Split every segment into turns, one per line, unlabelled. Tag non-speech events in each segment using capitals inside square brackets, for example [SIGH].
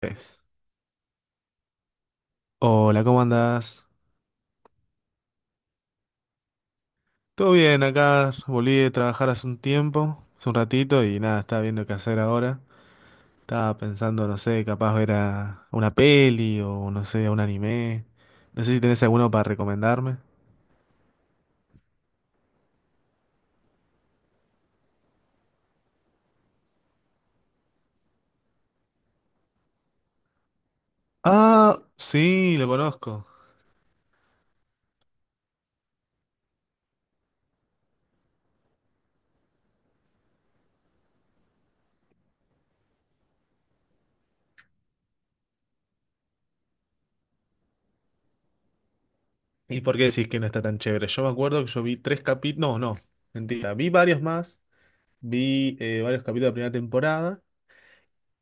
Tres. Hola, ¿cómo andás? Todo bien, acá volví de trabajar hace un tiempo, hace un ratito, y nada, estaba viendo qué hacer ahora. Estaba pensando, no sé, capaz ver a una peli o no sé, a un anime. No sé si tenés alguno para recomendarme. Ah, sí, lo conozco. ¿Y por qué decís que no está tan chévere? Yo me acuerdo que yo vi tres capítulos, no, no, mentira, vi varios más, vi varios capítulos de la primera temporada.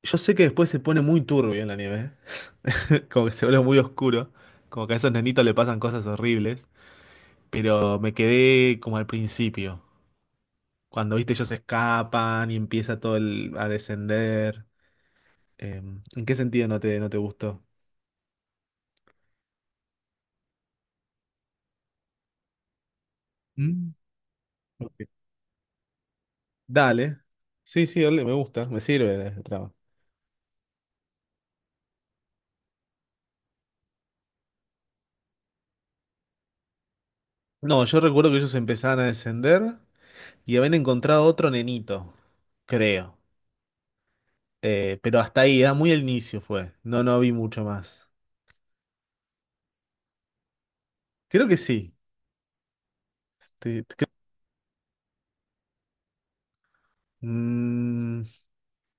Yo sé que después se pone muy turbio en la nieve, como que se vuelve muy oscuro, como que a esos nenitos le pasan cosas horribles, pero me quedé como al principio, cuando viste ellos escapan y empieza todo el, a descender. Eh, ¿En qué sentido no te gustó? Mm. Ok. Dale. Sí, sí, dale, me gusta, me sirve el trabajo. No, yo recuerdo que ellos empezaban a descender y habían encontrado otro nenito, creo. Pero hasta ahí, era muy al inicio fue. No, no vi mucho más. Creo que sí. Te- te- creo- Mm,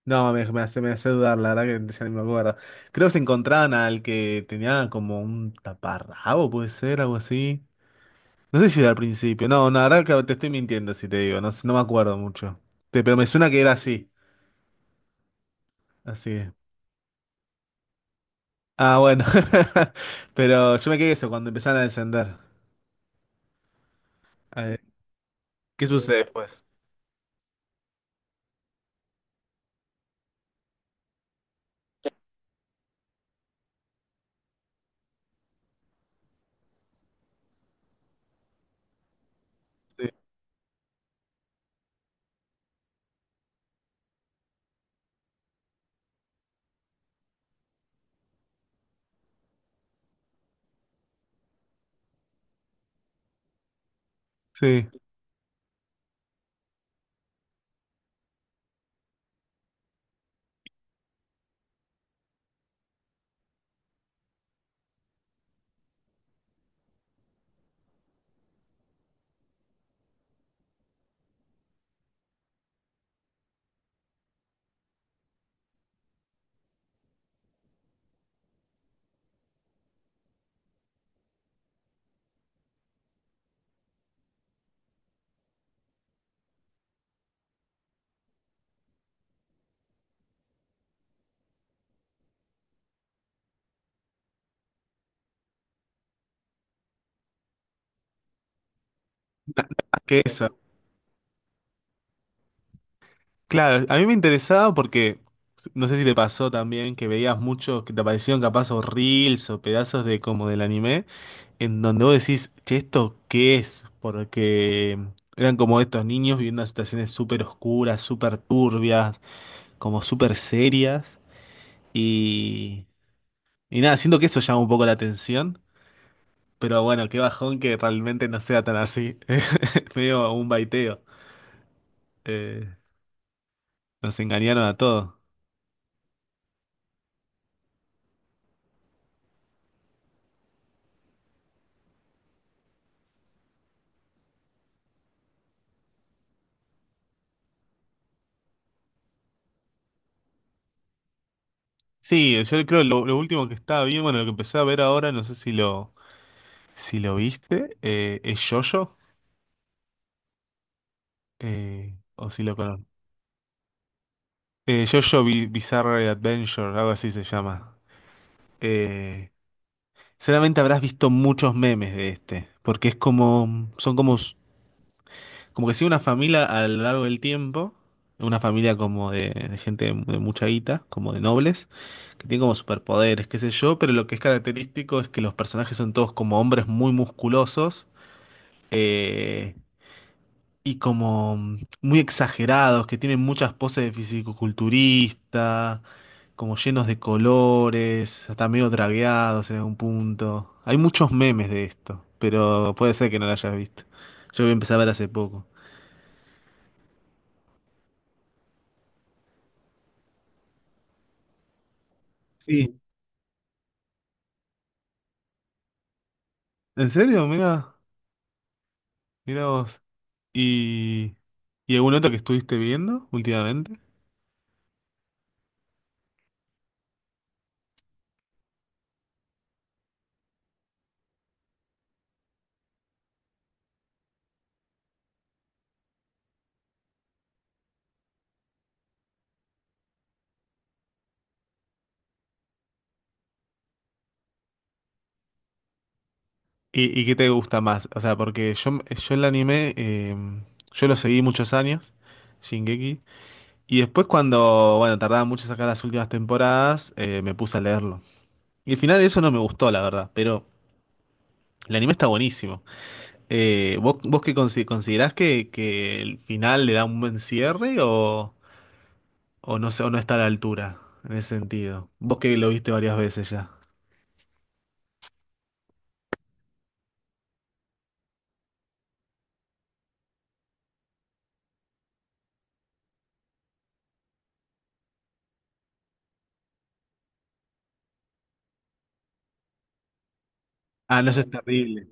no, me hace dudar, la verdad que ya ni me acuerdo. Creo que se encontraban al que tenía como un taparrabo, puede ser, algo así. No sé si era al principio. No, no, la verdad que te estoy mintiendo si te digo, no, no me acuerdo mucho. Pero me suena que era así. Así es. Ah, bueno. [LAUGHS] Pero yo me quedé eso cuando empezaron a descender. A ver, ¿qué sucede después? Sí. Sí. Ah, que eso. Claro, a mí me interesaba porque no sé si te pasó también que veías muchos que te aparecieron capaz o reels o pedazos de como del anime, en donde vos decís, che, ¿esto qué es? Porque eran como estos niños viviendo en situaciones súper oscuras, súper turbias, como súper serias. Y, y nada, siento que eso llama un poco la atención. Pero bueno, qué bajón que realmente no sea tan así. [LAUGHS] Es medio un baiteo. Eh, Nos engañaron a todos. Sí, yo creo lo último que estaba bien, bueno, lo que empecé a ver ahora, no sé si lo, si lo viste, es Jojo, o si lo conoces. JoJo Bizarre Adventure, algo así se llama. Eh, Seguramente habrás visto muchos memes de este, porque es como, son como, como que sigue una familia a lo largo del tiempo, una familia como de gente de mucha guita, como de nobles, que tiene como superpoderes, qué sé yo, pero lo que es característico es que los personajes son todos como hombres muy musculosos, eh, y como muy exagerados, que tienen muchas poses de fisicoculturista, como llenos de colores, hasta medio dragueados en algún punto. Hay muchos memes de esto, pero puede ser que no lo hayas visto. Yo lo empecé a ver hace poco. Sí. ¿En serio? Mira, mira vos. ¿Y, y algún otro que estuviste viendo últimamente? Y qué te gusta más? O sea, porque yo el anime, yo lo seguí muchos años, Shingeki, y después cuando, bueno, tardaba mucho en sacar las últimas temporadas, me puse a leerlo. Y el final de eso no me gustó, la verdad, pero el anime está buenísimo. ¿Vos, vos qué considerás que el final le da un buen cierre o no sé, o no está a la altura en ese sentido? Vos que lo viste varias veces ya. Ah, no, eso es terrible.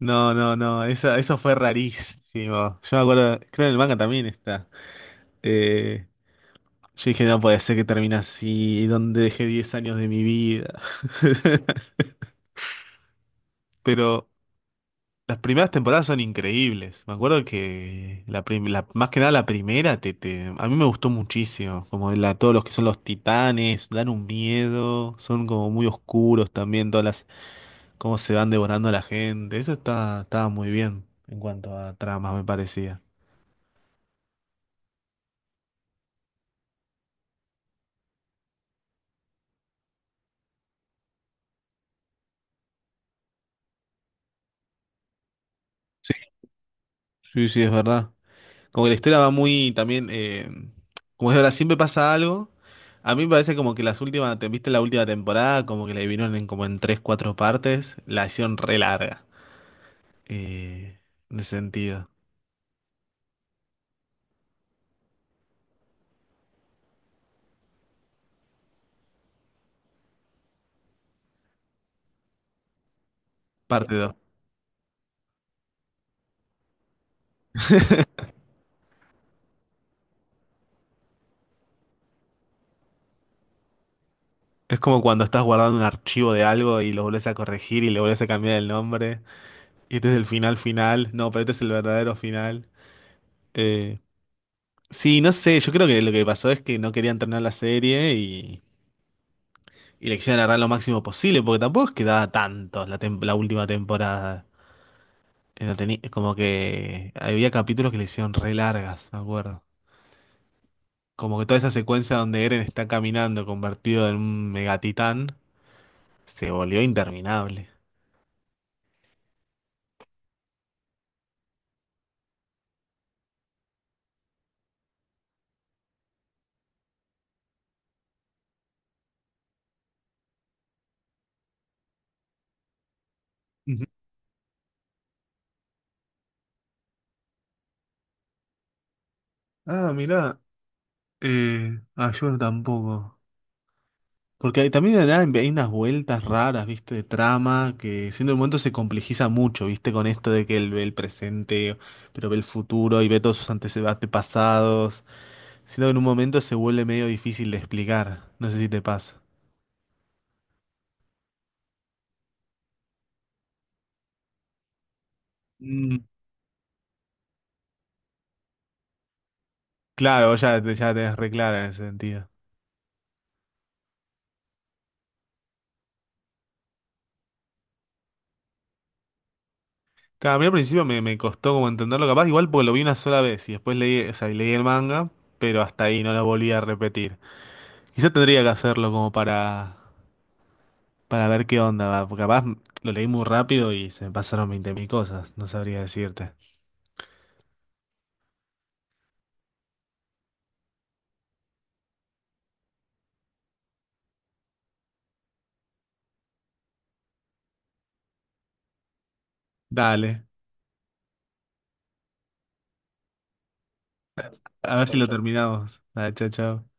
No, no, no, eso fue rarísimo. Yo me acuerdo, creo que en el manga también está. Eh, yo dije, no puede ser que termine así, donde dejé 10 años de mi vida. [LAUGHS] Pero las primeras temporadas son increíbles. Me acuerdo que la, más que nada la primera a mí me gustó muchísimo. Como la, todos los que son los titanes, dan un miedo, son como muy oscuros también, todas las, cómo se van devorando a la gente. Estaba muy bien en cuanto a tramas, me parecía. Sí, sí, sí, es verdad. Como que la historia va muy también, como es ahora, siempre pasa algo. A mí me parece como que las últimas, ¿viste la última temporada? Como que la dividieron en como en tres, cuatro partes, la hicieron re larga. Eh, en ese sentido. Parte dos. Es como cuando estás guardando un archivo de algo y lo volvés a corregir y le volvés a cambiar el nombre. Y este es el final final. No, pero este es el verdadero final. Eh, sí, no sé, yo creo que lo que pasó es que no querían terminar la serie y le quisieron agarrar lo máximo posible, porque tampoco es que daba tantos la, la última temporada. No teni- como que había capítulos que le hicieron re largas, me acuerdo. Como que toda esa secuencia donde Eren está caminando convertido en un megatitán se volvió interminable. Ujú. Ah, mirá. Ah, yo tampoco. Porque también de nada hay unas vueltas raras, ¿viste? De trama, que siendo el momento se complejiza mucho, ¿viste? Con esto de que él ve el presente, pero ve el futuro y ve todos sus antecedentes pasados. Siento que en un momento se vuelve medio difícil de explicar. No sé si te pasa. Mm, claro, vos ya, ya la tenés re clara en ese sentido. Claro, a mí al principio me costó como entenderlo, capaz igual porque lo vi una sola vez y después leí, o sea, y leí el manga, pero hasta ahí no lo volví a repetir. Quizás tendría que hacerlo como para ver qué onda, va, porque capaz lo leí muy rápido y se me pasaron 20.000 cosas, no sabría decirte. Dale, a ver si lo terminamos. Dale, chao, chao.